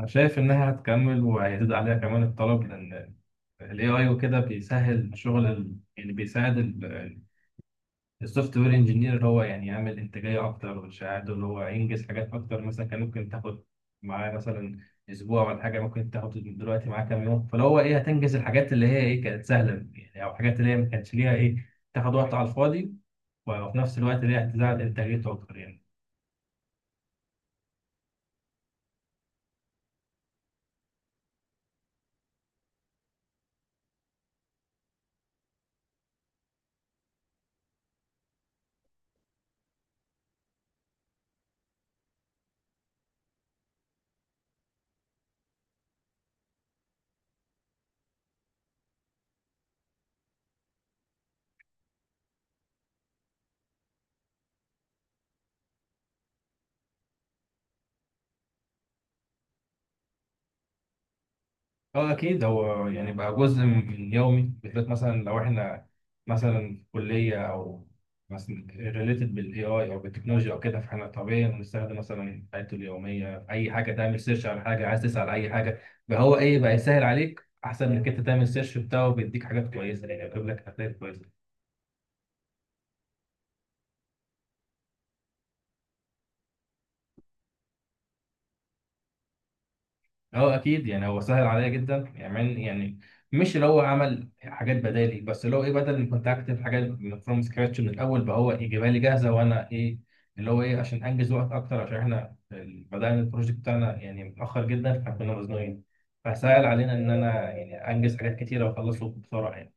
أنا شايف إنها هتكمل وهيزيد عليها كمان الطلب لأن ال AI وكده بيسهل شغل يعني بيساعد السوفت وير انجينير اللي هو يعني يعمل إنتاجية أكتر ويساعده اللي هو ينجز حاجات أكتر. مثلا كان ممكن تاخد معاه مثلا أسبوع ولا حاجة، ممكن تاخد دلوقتي معاه كام يوم، فاللي هو إيه هتنجز الحاجات اللي هي إيه كانت سهلة يعني، أو الحاجات اللي هي ما كانتش ليها إيه تاخد وقت على الفاضي، وفي نفس الوقت اللي هي هتزود إنتاجيته أكتر يعني. اه اكيد، هو يعني بقى جزء من يومي. بالذات مثلا لو احنا مثلا في كليه او مثلا ريليتد بالاي اي او بالتكنولوجيا او كده، فاحنا طبيعي بنستخدم مثلا حياته اليوميه في اي حاجه. تعمل سيرش على حاجه، عايز تسال اي حاجه، فهو ايه بقى يسهل عليك. احسن انك انت تعمل سيرش، بتاعه بيديك حاجات كويسه يعني، بيجيب لك حاجات كويسه. اه اكيد، يعني هو سهل عليا جدا يعني، يعني مش اللي هو عمل حاجات بدالي، بس اللي هو ايه بدل ما كنت اكتب حاجات من فروم سكراتش من الاول، بقى هو يجيبها لي جاهزه، وانا ايه اللي هو ايه عشان انجز وقت اكتر، عشان احنا بدانا البروجكت بتاعنا يعني متاخر جدا فكنا مزنوقين، فسهل علينا ان انا يعني انجز حاجات كتيره واخلصه بسرعه يعني.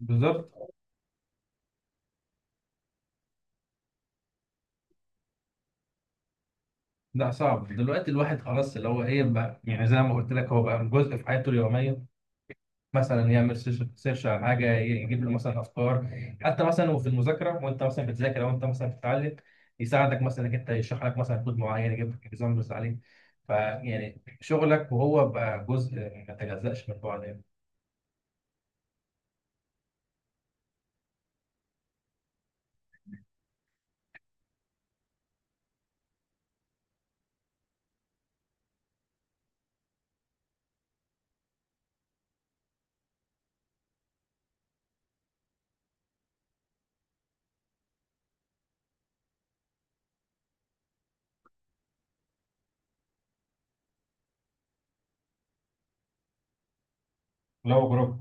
بالظبط. لا، صعب دلوقتي الواحد خلاص اللي هو ايه بقى، يعني زي ما قلت لك هو بقى جزء في حياته اليوميه. مثلا يعمل سيرش على حاجه، يجيب له مثلا افكار. حتى مثلا وفي المذاكره وانت مثلا بتذاكر او انت مثلا بتتعلم، يساعدك مثلا انك انت، يشرح لك مثلا كود معين، يجيب لك اكزامبلز عليه، فيعني شغلك وهو بقى جزء ما يتجزأش من بعض يعني. لو جروب.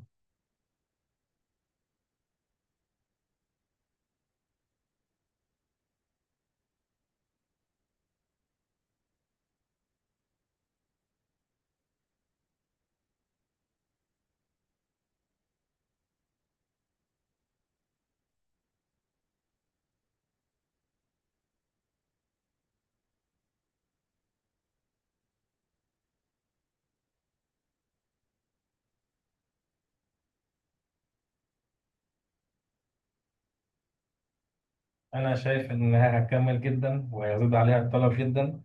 انا شايف انها هتكمل جدا وهيزيد عليها الطلب جدا،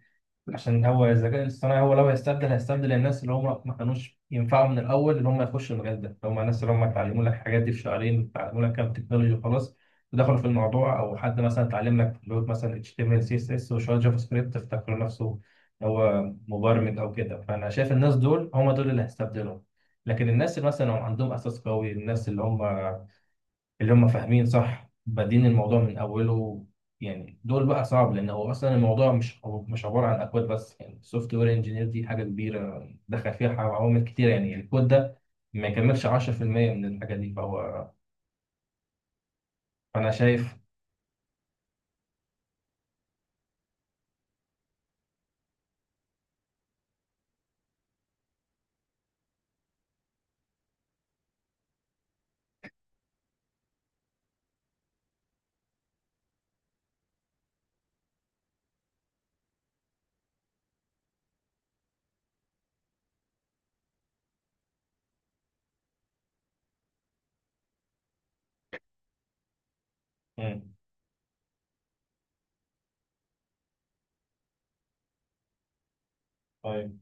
عشان هو الذكاء الاصطناعي هو لو هيستبدل الناس اللي هم ما كانوش ينفعوا من الاول، اللي هم يخشوا المجال ده، اللي هم الناس اللي هم اتعلموا لك الحاجات دي في شهرين، اتعلموا لك كام تكنولوجي وخلاص ودخلوا في الموضوع، او حد مثلا اتعلم لك لغه مثلا HTML CSS وشويه جافا سكريبت افتكر نفسه هو مبرمج او كده. فانا شايف الناس دول هم دول اللي هيستبدلهم. لكن الناس اللي مثلا هم عندهم اساس قوي، الناس اللي هم اللي هم فاهمين صح بادين الموضوع من اوله، يعني دول بقى صعب، لان هو اصلا الموضوع مش عباره عن اكواد بس يعني. السوفت وير انجينير دي حاجه كبيره دخل فيها عوامل كتير، يعني الكود ده ما يكملش 10% من الحاجه دي. فهو، فانا شايف. مم. طيب،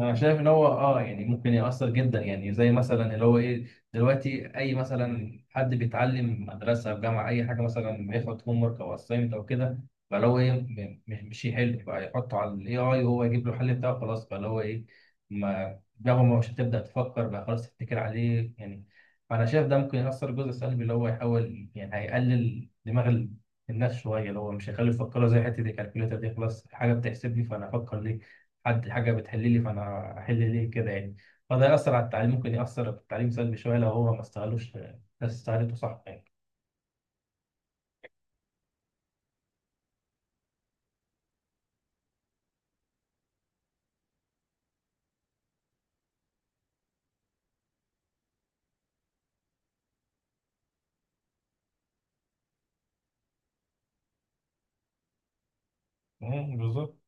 انا شايف ان هو اه يعني ممكن يأثر جدا، يعني زي مثلا اللي هو ايه دلوقتي، اي مثلا حد بيتعلم مدرسه في جامعه اي حاجه، مثلا بياخد هوم ورك او اسايمنت او كده، فاللي هو ايه، مش يحل بقى، يحطه على الاي اي وهو يجيب له الحل بتاعه خلاص. فاللي هو ايه ما دماغه مش هتبدا تفكر بقى، خلاص تتكل عليه يعني. فانا شايف ده ممكن يأثر جزء سلبي، اللي هو يحاول يعني هيقلل دماغ الناس شويه، اللي هو مش هيخليه يفكروا. زي حته الكالكوليتر دي، خلاص حاجه بتحسب لي فانا افكر ليه، حد حاجه بتحل لي فانا احل ليه كده يعني. فده ياثر على التعليم، ممكن ياثر في التعليم سلبي شويه، لو هو ما استغلوش الناس، استغلته صح يعني. مم، بالظبط.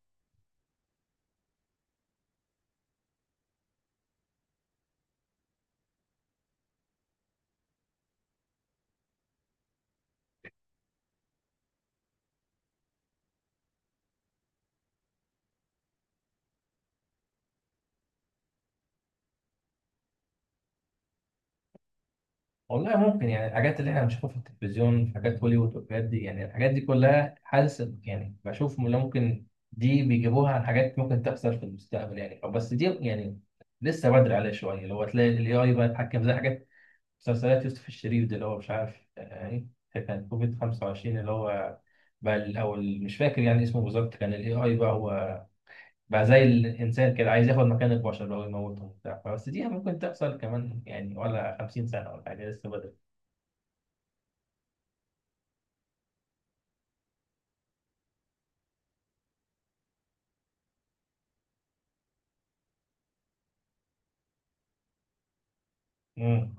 والله ممكن، يعني الحاجات اللي احنا بنشوفها في التلفزيون في حاجات هوليوود والحاجات دي يعني، الحاجات دي كلها حاسس يعني بشوف إن ممكن دي بيجيبوها عن حاجات ممكن تحصل في المستقبل يعني، بس دي يعني لسه بدري عليها شويه، لو هتلاقي الاي اي بقى يتحكم زي حاجات مسلسلات يوسف الشريف ده، اللي هو مش عارف يعني كان كوفيد 25 اللي هو بقى الأول مش فاكر يعني اسمه بالظبط، كان الاي اي بقى هو بقى زي الانسان كده، عايز ياخد مكان البشر بقى ويموتهم وبتاع. بس دي ممكن تحصل كمان يعني ولا 50 سنة ولا حاجة، لسه بدري. مم.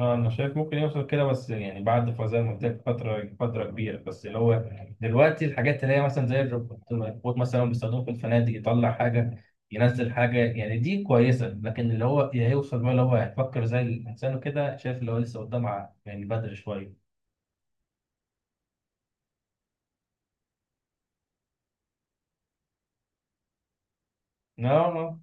اه انا شايف ممكن يوصل كده، بس يعني بعد زي ما قلت لك فتره كبيره. بس اللي هو دلوقتي الحاجات اللي هي مثلا زي الروبوت مثلا بيستخدموه في الفنادق، يطلع حاجه ينزل حاجه يعني، دي كويسه. لكن اللي هو هيوصل بقى اللي هو هيفكر زي الانسان وكده، شايف اللي هو لسه قدام، يعني بدري شويه. لا،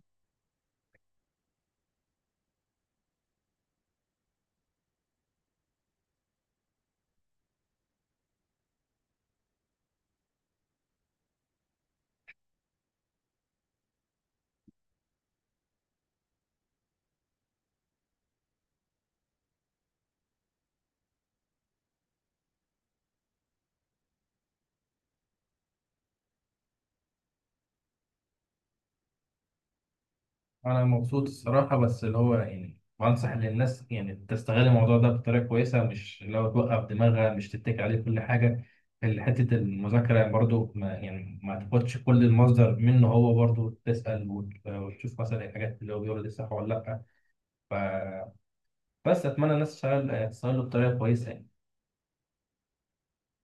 انا مبسوط الصراحه، بس اللي هو يعني بنصح للناس يعني تستغل الموضوع ده بطريقه كويسه، مش لو توقف دماغها مش تتكي عليه كل حاجه. حته المذاكره برضو ما يعني ما تاخدش كل المصدر منه، هو برضو تسال وتشوف مثلا الحاجات اللي هو بيقولها دي صح ولا لا. فبس، اتمنى الناس تشتغل تستغله بطريقه كويسه يعني.